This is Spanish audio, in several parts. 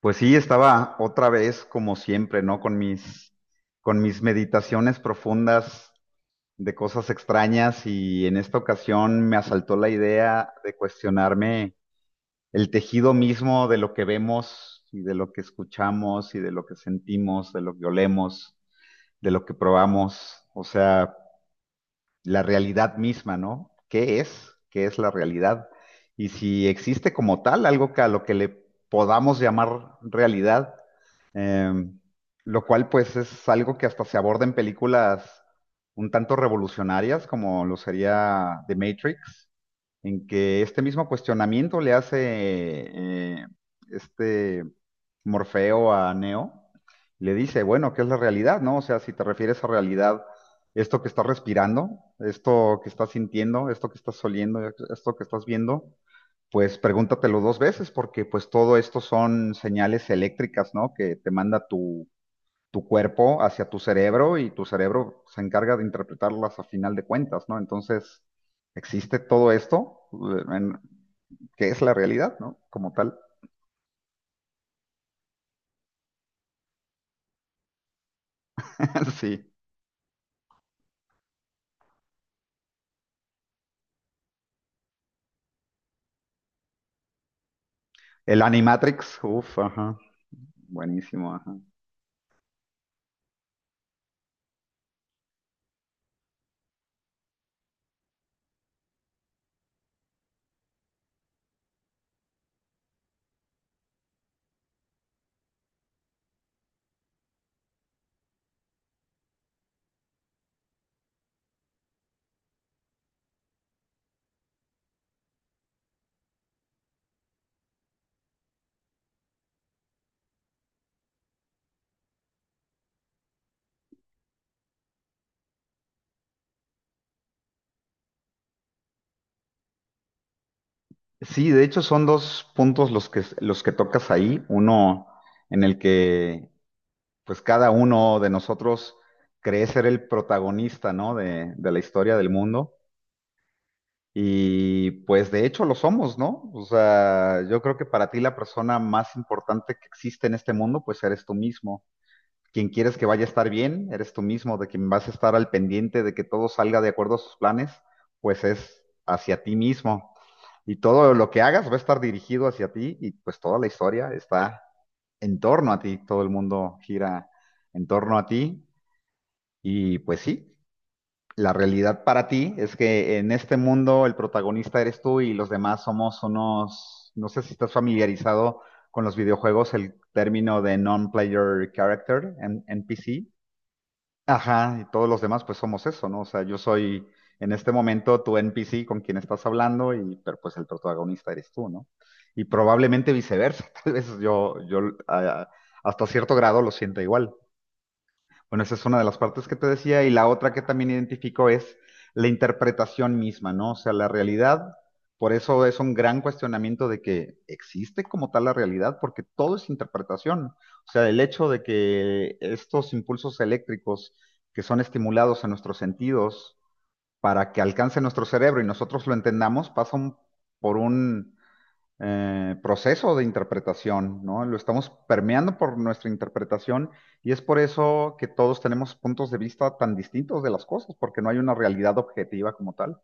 Pues sí, estaba otra vez como siempre, ¿no? Con mis meditaciones profundas de cosas extrañas y en esta ocasión me asaltó la idea de cuestionarme el tejido mismo de lo que vemos y de lo que escuchamos y de lo que sentimos, de lo que olemos, de lo que probamos, o sea, la realidad misma, ¿no? ¿Qué es? ¿Qué es la realidad? Y si existe como tal algo que a lo que le podamos llamar realidad. Em, lo cual pues es algo que hasta se aborda en películas un tanto revolucionarias como lo sería The Matrix, en que este mismo cuestionamiento le hace este Morfeo a Neo, le dice, bueno, ¿qué es la realidad, no? O sea, si te refieres a realidad, esto que estás respirando, esto que estás sintiendo, esto que estás oliendo, esto que estás viendo, pues pregúntatelo dos veces porque pues todo esto son señales eléctricas, ¿no? Que te manda tu cuerpo hacia tu cerebro y tu cerebro se encarga de interpretarlas a final de cuentas, ¿no? Entonces, existe todo esto, que es la realidad, ¿no? Como tal. Sí. El Animatrix, uff, ajá. Buenísimo, ajá. Sí, de hecho son dos puntos los que tocas ahí. Uno en el que pues cada uno de nosotros cree ser el protagonista, ¿no? De la historia del mundo. Y pues de hecho lo somos, ¿no? O sea, yo creo que para ti la persona más importante que existe en este mundo, pues eres tú mismo. Quien quieres que vaya a estar bien, eres tú mismo. De quien vas a estar al pendiente de que todo salga de acuerdo a sus planes, pues es hacia ti mismo. Y todo lo que hagas va a estar dirigido hacia ti y pues toda la historia está en torno a ti. Todo el mundo gira en torno a ti y pues sí, la realidad para ti es que en este mundo el protagonista eres tú y los demás somos unos, no sé si estás familiarizado con los videojuegos, el término de non-player character, NPC. Ajá, y todos los demás pues somos eso, ¿no? O sea, yo soy en este momento tu NPC con quien estás hablando y pero pues el protagonista eres tú, ¿no? Y probablemente viceversa, tal vez yo ah, hasta cierto grado lo siento igual. Bueno, esa es una de las partes que te decía y la otra que también identifico es la interpretación misma, ¿no? O sea, la realidad, por eso es un gran cuestionamiento de que existe como tal la realidad, porque todo es interpretación. O sea, el hecho de que estos impulsos eléctricos que son estimulados en nuestros sentidos para que alcance nuestro cerebro y nosotros lo entendamos, pasan por un proceso de interpretación, ¿no? Lo estamos permeando por nuestra interpretación y es por eso que todos tenemos puntos de vista tan distintos de las cosas, porque no hay una realidad objetiva como tal.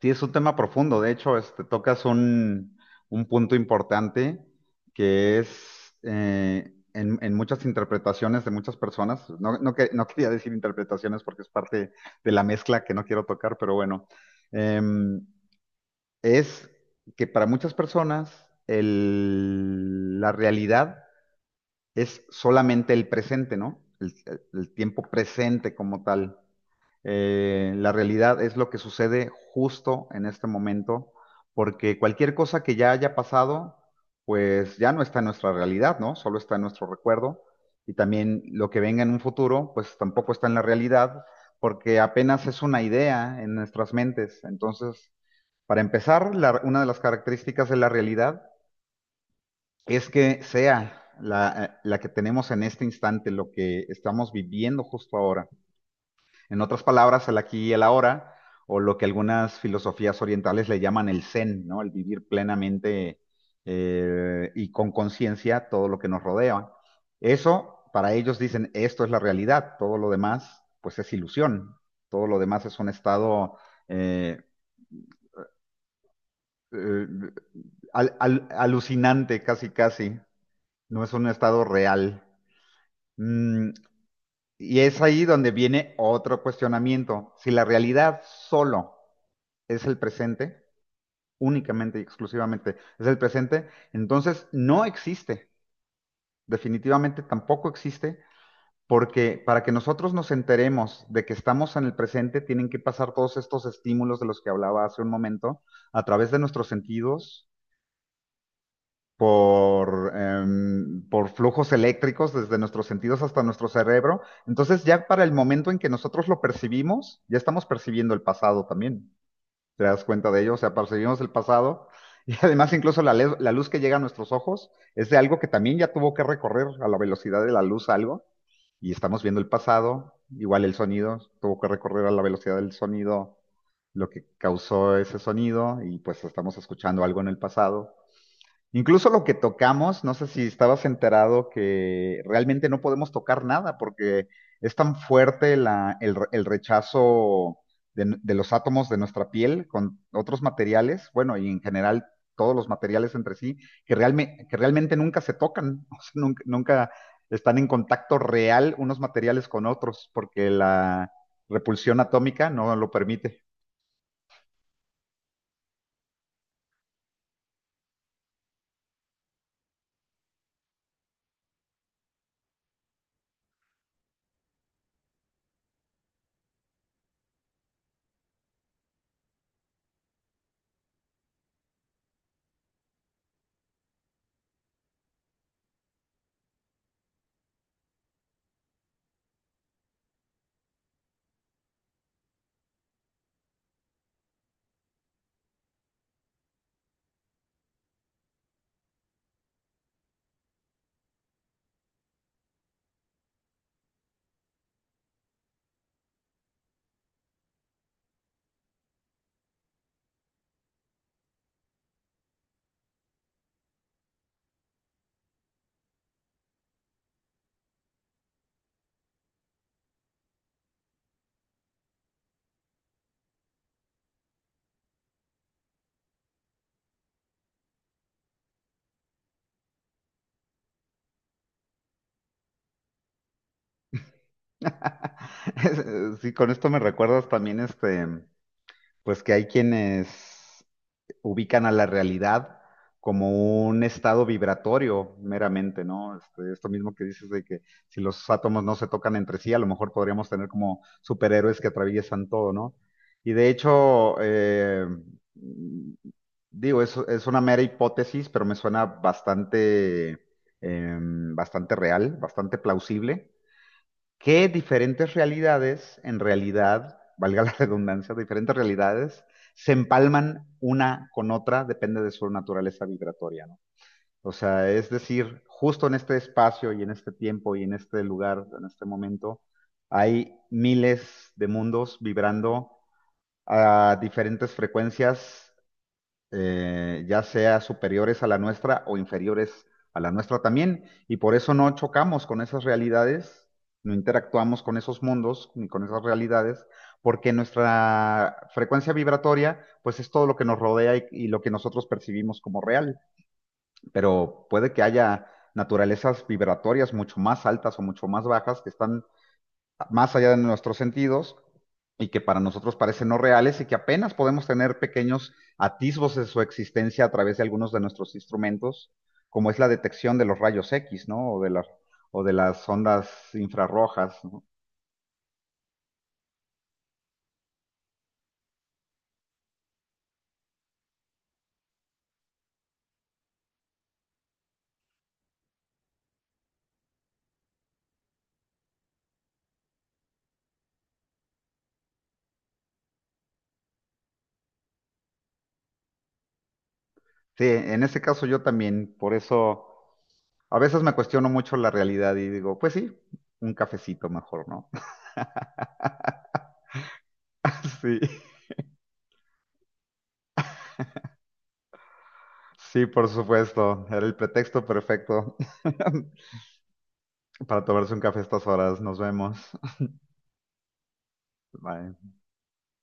Sí, es un tema profundo, de hecho, este, tocas un punto importante que es en muchas interpretaciones de muchas personas, no quería decir interpretaciones porque es parte de la mezcla que no quiero tocar, pero bueno. Em, es que para muchas personas la realidad es solamente el presente, ¿no? El tiempo presente como tal. La realidad es lo que sucede justo en este momento, porque cualquier cosa que ya haya pasado, pues ya no está en nuestra realidad, ¿no? Solo está en nuestro recuerdo. Y también lo que venga en un futuro, pues tampoco está en la realidad, porque apenas es una idea en nuestras mentes. Entonces, para empezar, una de las características de la realidad es que sea la, la que tenemos en este instante, lo que estamos viviendo justo ahora. En otras palabras, el aquí y el ahora, o lo que algunas filosofías orientales le llaman el zen, ¿no? El vivir plenamente y con conciencia todo lo que nos rodea. Eso, para ellos dicen, esto es la realidad, todo lo demás, pues es ilusión, todo lo demás es un estado eh, eh, alucinante, casi, casi. No es un estado real. Mm, y es ahí donde viene otro cuestionamiento. Si la realidad solo es el presente, únicamente y exclusivamente es el presente, entonces no existe. Definitivamente tampoco existe, porque para que nosotros nos enteremos de que estamos en el presente, tienen que pasar todos estos estímulos de los que hablaba hace un momento a través de nuestros sentidos por, por flujos eléctricos desde nuestros sentidos hasta nuestro cerebro. Entonces ya para el momento en que nosotros lo percibimos, ya estamos percibiendo el pasado también. ¿Te das cuenta de ello? O sea, percibimos el pasado y además incluso la luz que llega a nuestros ojos es de algo que también ya tuvo que recorrer a la velocidad de la luz algo y estamos viendo el pasado. Igual el sonido tuvo que recorrer a la velocidad del sonido lo que causó ese sonido y pues estamos escuchando algo en el pasado. Incluso lo que tocamos, no sé si estabas enterado que realmente no podemos tocar nada porque es tan fuerte el rechazo de los átomos de nuestra piel con otros materiales, bueno, y en general todos los materiales entre sí, que, que realmente nunca se tocan, o sea, nunca, nunca están en contacto real unos materiales con otros porque la repulsión atómica no lo permite. Sí, con esto me recuerdas también este. Pues que hay quienes ubican a la realidad como un estado vibratorio meramente, ¿no? Este, esto mismo que dices de que si los átomos no se tocan entre sí, a lo mejor podríamos tener como superhéroes que atraviesan todo, ¿no? Y de hecho, digo, es una mera hipótesis, pero me suena bastante, eh, bastante real, bastante plausible que diferentes realidades, en realidad, valga la redundancia, diferentes realidades se empalman una con otra, depende de su naturaleza vibratoria, ¿no? O sea, es decir, justo en este espacio y en este tiempo y en este lugar, en este momento, hay miles de mundos vibrando a diferentes frecuencias ya sea superiores a la nuestra o inferiores a la nuestra también, y por eso no chocamos con esas realidades, no interactuamos con esos mundos ni con esas realidades, porque nuestra frecuencia vibratoria, pues es todo lo que nos rodea y lo que nosotros percibimos como real, pero puede que haya naturalezas vibratorias mucho más altas o mucho más bajas que están más allá de nuestros sentidos y que para nosotros parecen no reales y que apenas podemos tener pequeños atisbos de su existencia a través de algunos de nuestros instrumentos, como es la detección de los rayos X, ¿no? O de las ondas infrarrojas, ¿no? Sí, en ese caso yo también, por eso a veces me cuestiono mucho la realidad y digo, pues sí, un cafecito mejor, ¿no? Sí, sí, por supuesto, era el pretexto perfecto para tomarse un café a estas horas. Nos vemos. Bye.